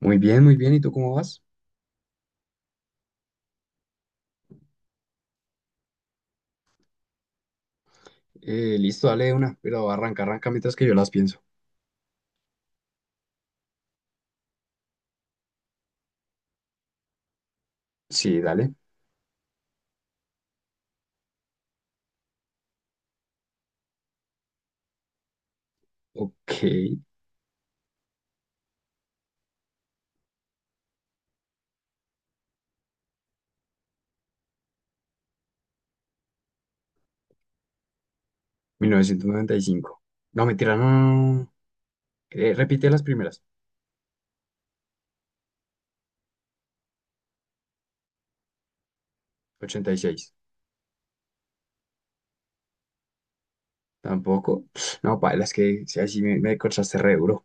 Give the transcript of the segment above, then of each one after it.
Muy bien, muy bien. ¿Y tú cómo vas? Listo, dale de una, pero arranca mientras que yo las pienso. Sí, dale. Ok, 1995. No, mentira, no, no, no. No. Repite las primeras. 86. Tampoco. No, paila, es que si así me cortaste re duro.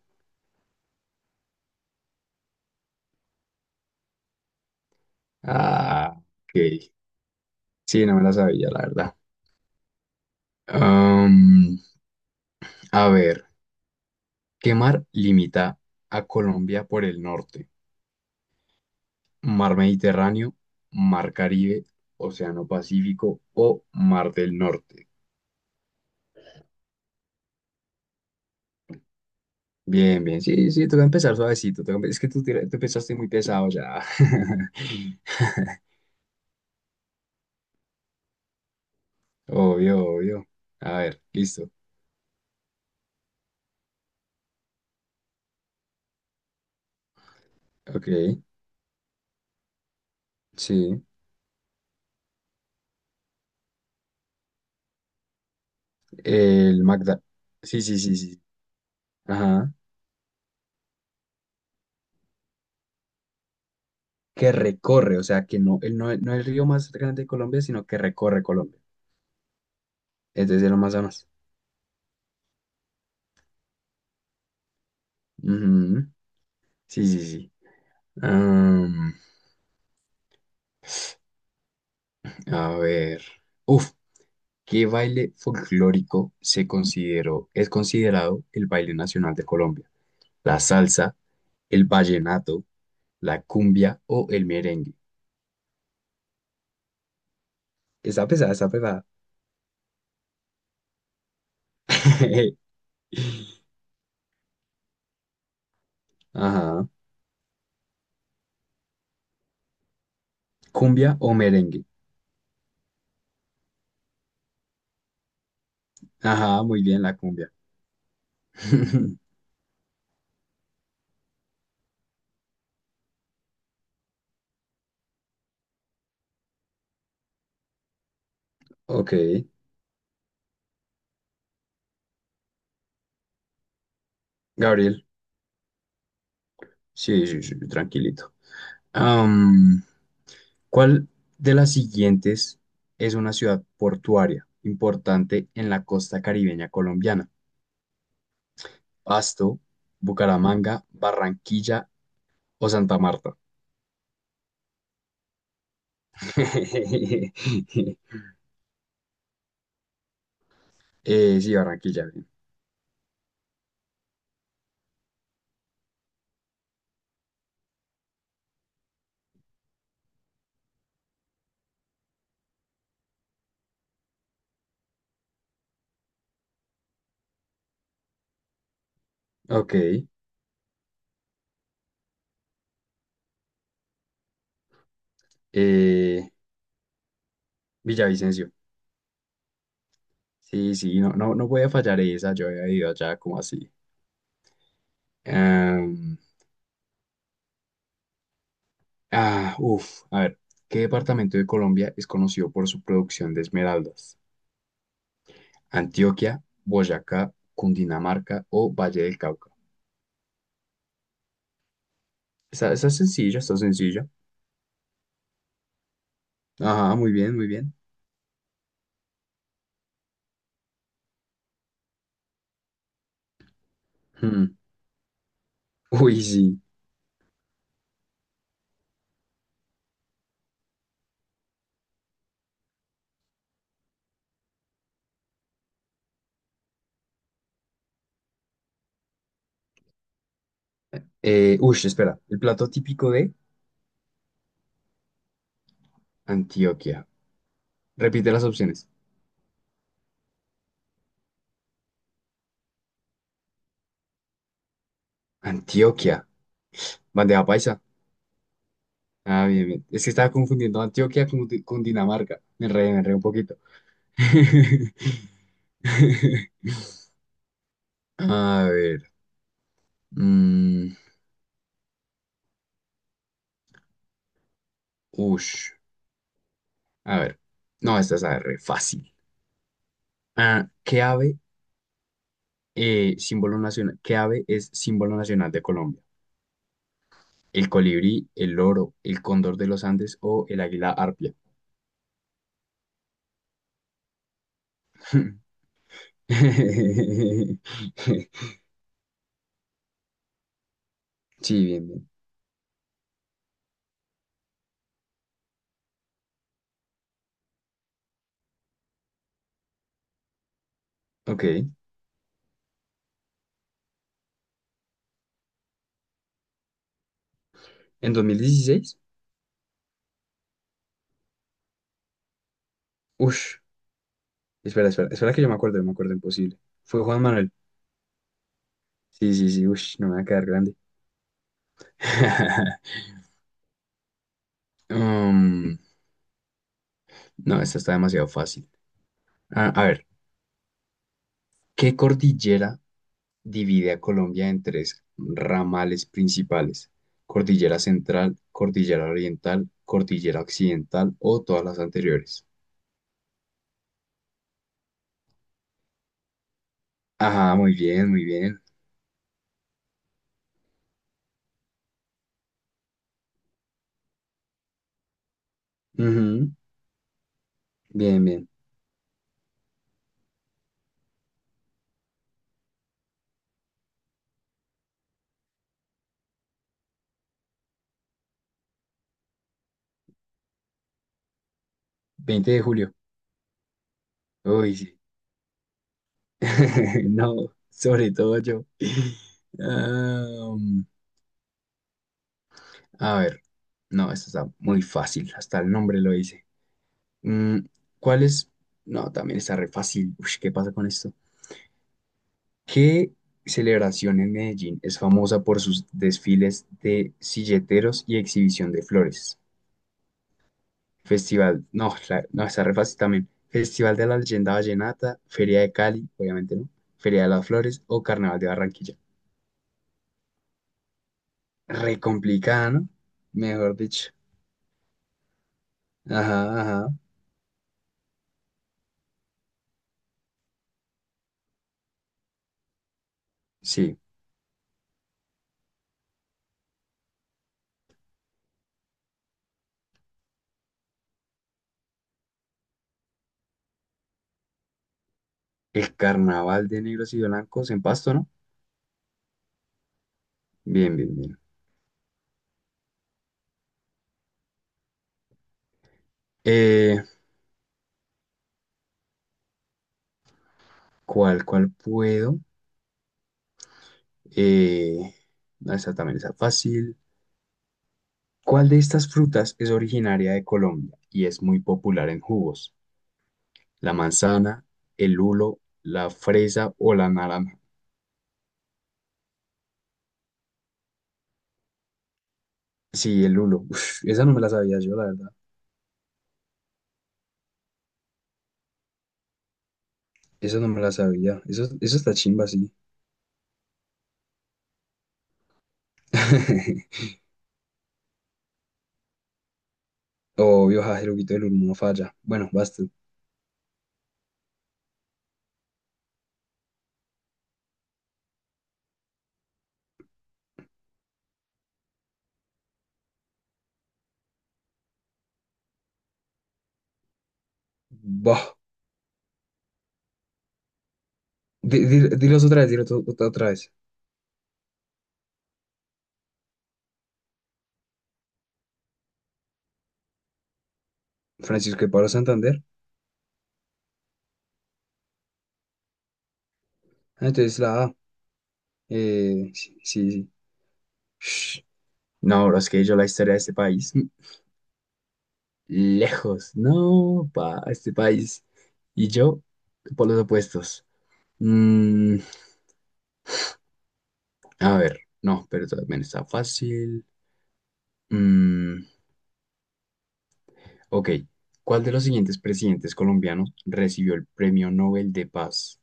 Ah, ok. Sí, no me la sabía, la verdad. Am, a ver, ¿qué mar limita a Colombia por el norte? Mar Mediterráneo, Mar Caribe, Océano Pacífico o Mar del Norte. Bien, bien, sí, sí, toca empezar suavecito. Toca empe- es que tú, tira- tú empezaste muy pesado ya. Obvio, obvio. A ver, listo. Ok, sí. El Magda. Sí, sí, sí, sí. Ajá. Que recorre, o sea, que no, el, no, no el río más grande de Colombia, sino que recorre Colombia. Es desde el Amazonas. Ujú. Sí, sí, sí. Am, a ver. Uf. ¿Qué baile folclórico se consideró, es considerado el baile nacional de Colombia? ¿La salsa, el vallenato, la cumbia o el merengue? Está pesada, está pesada. Ajá. ¿Cumbia o merengue? Ajá, muy bien, la cumbia. Ok, Gabriel. Sí, sí, sí, tranquilito. Am, ¿Cuál de las siguientes es una ciudad portuaria importante en la costa caribeña colombiana? Pasto, Bucaramanga, Barranquilla o Santa Marta. Sí, Barranquilla, bien. Ok. eh, Villavicencio. Sí, sí, no, no, no voy a fallar esa, yo había ido allá como así. Em, ah, uf, a ver, ¿qué departamento de Colombia es conocido por su producción de esmeraldas? Antioquia, Boyacá, Cundinamarca o Valle del Cauca. Está, está sencillo, está sencillo. Ajá, muy bien, muy bien. Hmm, uy, sí. Ush, espera. El plato típico de Antioquia. Repite las opciones. Antioquia. Bandeja paisa. Ah, bien, bien. Es que estaba confundiendo Antioquia con, Di- con Dinamarca. Me enredé un poquito. A ver. mm, ush. A ver. No, esta es a ver, re fácil. Ah, ¿qué ave, símbolo nacional, qué ave es símbolo nacional de Colombia? ¿El colibrí, el loro, el cóndor de los Andes o el águila arpia? Sí, bien, bien. Ok. En 2016, ush, espera, espera, espera que yo me acuerdo imposible. Fue Juan Manuel. Sí, sí, sí, ush, no me va a quedar grande. Um, no, esta está demasiado fácil. A ver, ¿qué cordillera divide a Colombia en tres ramales principales? Cordillera Central, Cordillera Oriental, Cordillera Occidental o todas las anteriores. Ajá, muy bien, muy bien. Ujú. Bien, bien. 20 de julio. Uy, sí. No, sobre todo yo. Am, a ver, no, esto está muy fácil, hasta el nombre lo dice. Mm, ¿Cuál es? No, también está re fácil. Uy, ¿qué pasa con esto? ¿Qué celebración en Medellín es famosa por sus desfiles de silleteros y exhibición de flores? Festival, no, la- no, está re fácil también. Festival de la Leyenda Vallenata, Feria de Cali, obviamente no, Feria de las Flores o Carnaval de Barranquilla. Re complicada, ¿no? Mejor dicho. Ajá, ajá. Sí. El carnaval de negros y blancos en Pasto, ¿no? Bien, bien, bien. Eh, ¿¿cuál puedo? Eh, no, esta también está fácil. ¿Cuál de estas frutas es originaria de Colombia y es muy popular en jugos? ¿La manzana, el lulo, la fresa o la naranja? Sí, el lulo. Uf, esa no me la sabía yo, la verdad. Esa no me la sabía. Eso está chimba, sí. Obvio, Jajiruquito del Olmo no falla. Bueno, basta. Bah. Dilos otra vez, dilos otra vez. Francisco de Pablo Santander. Ah, entonces la A. Sí, sí. Sí. Shh. No, bro, es que yo la historia de este país. Lejos. No, pa, este país. Y yo, por los opuestos. Mm, a ver, no, pero también está fácil. Mm, ok. ¿Cuál de los siguientes presidentes colombianos recibió el Premio Nobel de Paz?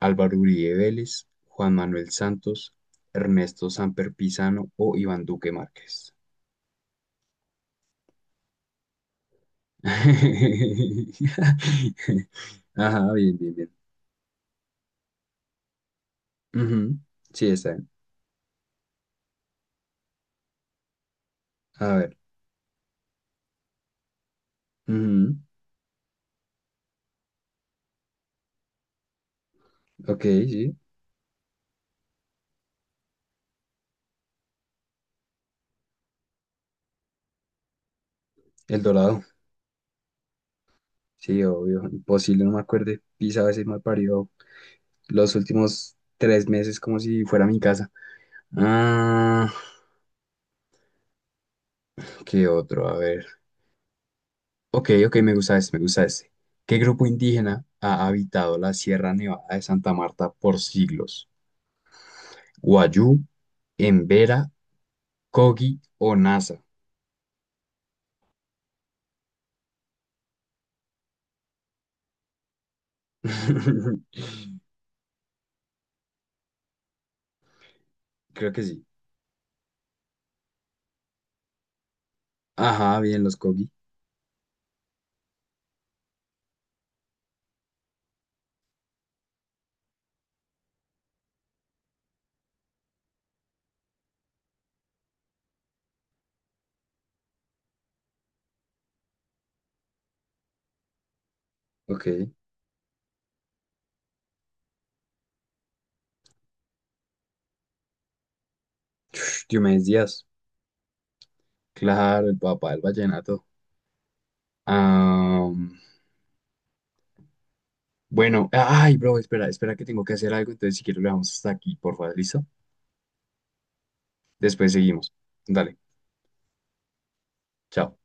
Álvaro Uribe Vélez, Juan Manuel Santos, Ernesto Samper Pizano o Iván Duque Márquez. Ajá, bien, bien, bien. Ujú, sí, está bien. A ver. Ujú. Ok, sí. El Dorado. Sí, obvio. Imposible, no me acuerde. Pisaba ese mal parido los últimos 3 meses como si fuera mi casa. Ah, ¿qué otro? A ver. Ok, ok, me gusta ese, me gusta ese. ¿Qué grupo indígena ha habitado la Sierra Nevada de Santa Marta por siglos? Guayú, Embera, Kogi o Nasa. Creo que sí. Ajá, bien, los Kogi. Ok. Diomedes Díaz. Claro, el papá del vallenato. Am, bueno, ay, bro, espera, espera que tengo que hacer algo, entonces si quiero lo dejamos hasta aquí, por favor, ¿listo? Después seguimos. Dale, chao.